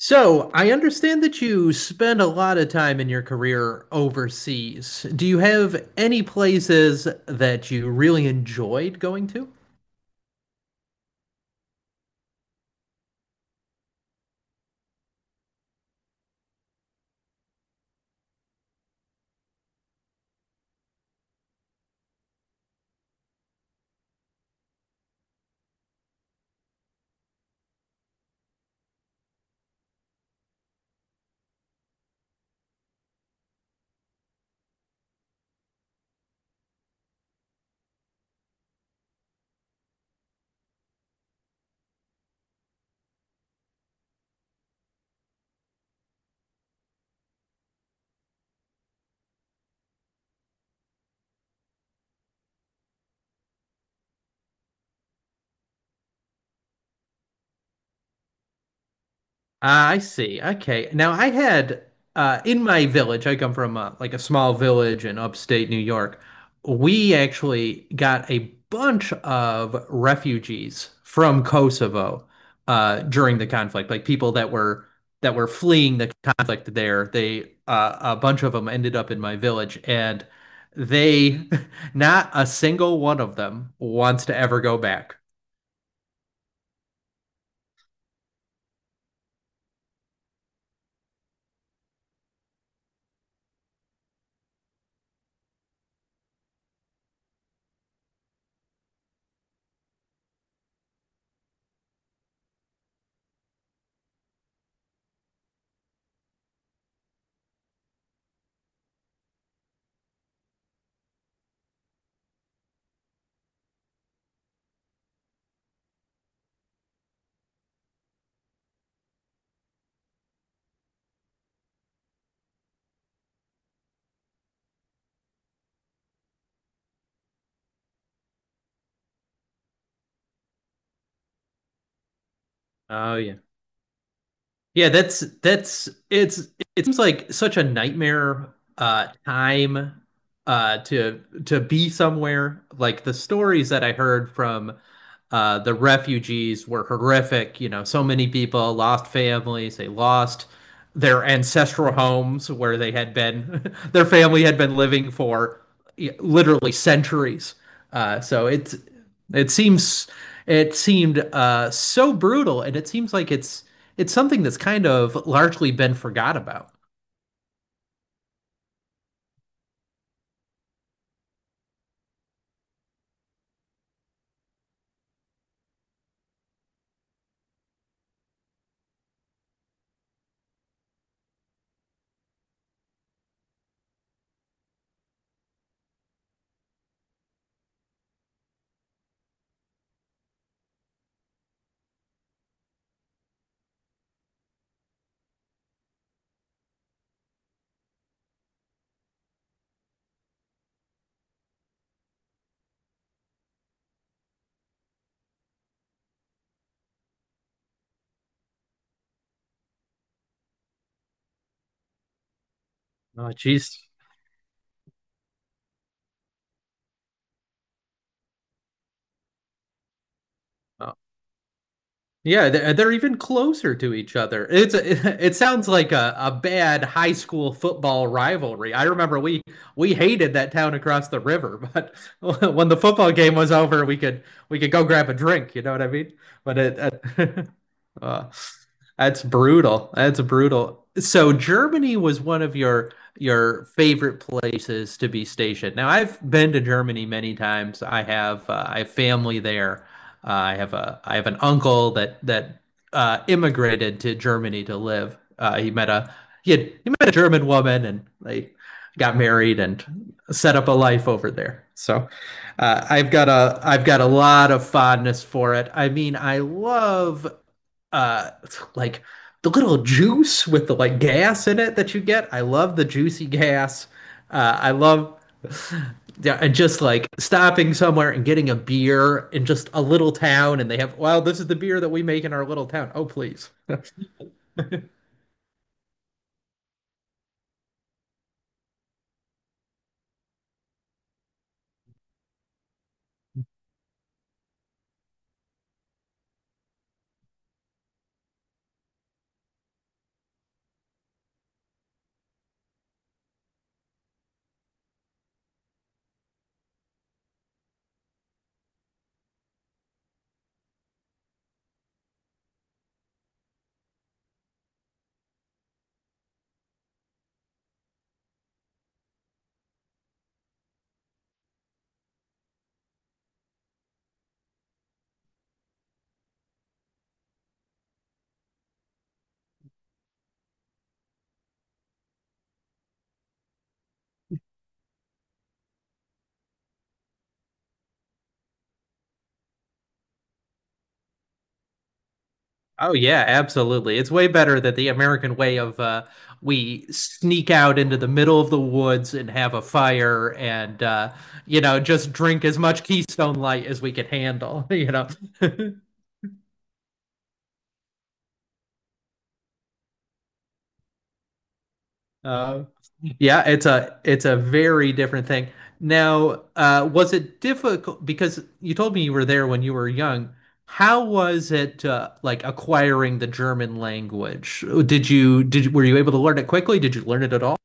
So, I understand that you spend a lot of time in your career overseas. Do you have any places that you really enjoyed going to? Ah, I see. Okay. Now I had in my village. I come from like a small village in upstate New York. We actually got a bunch of refugees from Kosovo during the conflict, like people that were fleeing the conflict there. They a bunch of them ended up in my village, and they not a single one of them wants to ever go back. Oh yeah. Yeah, that's it's It seems like such a nightmare time to be somewhere. Like the stories that I heard from the refugees were horrific. You know, so many people lost families, they lost their ancestral homes where they had been their family had been living for literally centuries. So it's it seems it seemed so brutal, and it seems like it's something that's kind of largely been forgot about. Oh, jeez. Yeah, they're even closer to each other. It's a, it sounds like a bad high school football rivalry. I remember we hated that town across the river, but when the football game was over, we could go grab a drink. You know what I mean? But it uh, that's brutal. That's brutal. So Germany was one of your favorite places to be stationed. Now I've been to Germany many times. I have family there. I have a I have an uncle that immigrated to Germany to live. He met a he met a German woman and they got married and set up a life over there. So I've got a lot of fondness for it. I mean, I love uh like the little juice with the, like, gas in it that you get. I love the juicy gas. I love Yeah, and just like stopping somewhere and getting a beer in just a little town, and they have, well, this is the beer that we make in our little town. Oh, please. Oh yeah, absolutely. It's way better than the American way of, we sneak out into the middle of the woods and have a fire, and just drink as much Keystone Light as we can handle. Uh, Yeah, it's a very different thing. Now, was it difficult? Because you told me you were there when you were young. How was it, like, acquiring the German language? Were you able to learn it quickly? Did you learn it at all?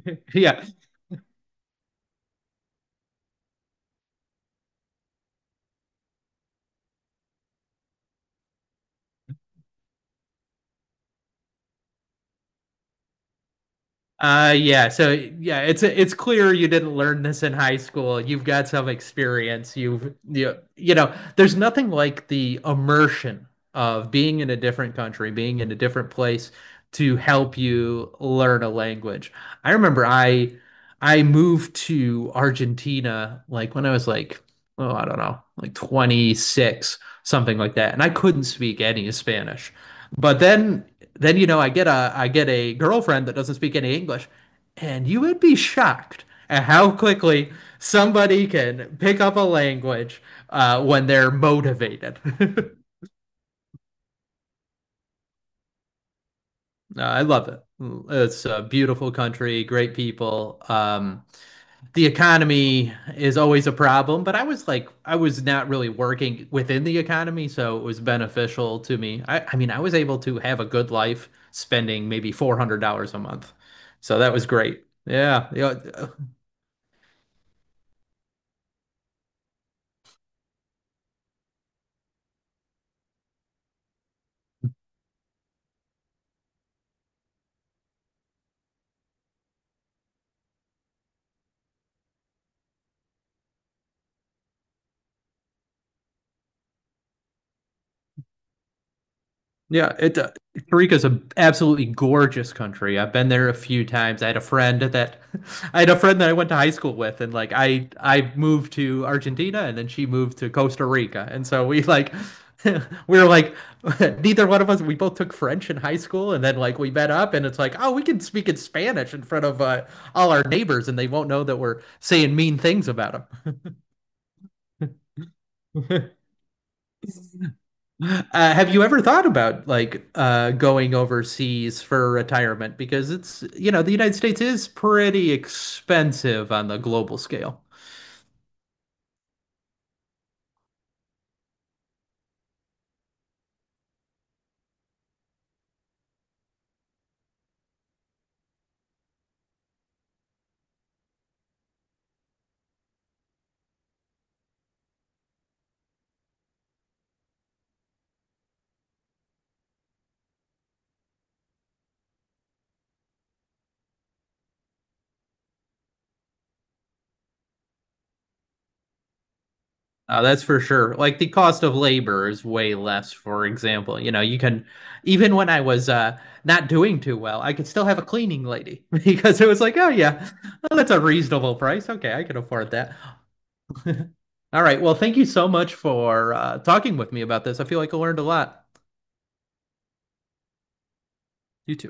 Yeah. Yeah. So yeah, it's clear you didn't learn this in high school. You've got some experience. You, you know, there's nothing like the immersion of being in a different country, being in a different place to help you learn a language. I remember I moved to Argentina like when I was like oh, I don't know, like 26, something like that. And I couldn't speak any Spanish. But then you know, I get a girlfriend that doesn't speak any English, and you would be shocked at how quickly somebody can pick up a language when they're motivated. I love it. It's a beautiful country, great people. The economy is always a problem, but I was like, I was not really working within the economy, so it was beneficial to me. I mean, I was able to have a good life spending maybe $400 a month. So that was great. Yeah. Yeah. Yeah, it, Costa Rica is an absolutely gorgeous country. I've been there a few times. I had a friend that I had a friend that I went to high school with, and like I moved to Argentina, and then she moved to Costa Rica, and so we like we were like neither one of us. We both took French in high school, and then like we met up, and it's like oh, we can speak in Spanish in front of all our neighbors, and they won't know that we're saying mean things about them. Have you ever thought about like going overseas for retirement? Because it's, you know, the United States is pretty expensive on the global scale. That's for sure. Like the cost of labor is way less, for example. You know, you can, even when I was not doing too well, I could still have a cleaning lady because it was like, oh, yeah, well, that's a reasonable price. Okay, I can afford that. All right. Well, thank you so much for talking with me about this. I feel like I learned a lot. You too.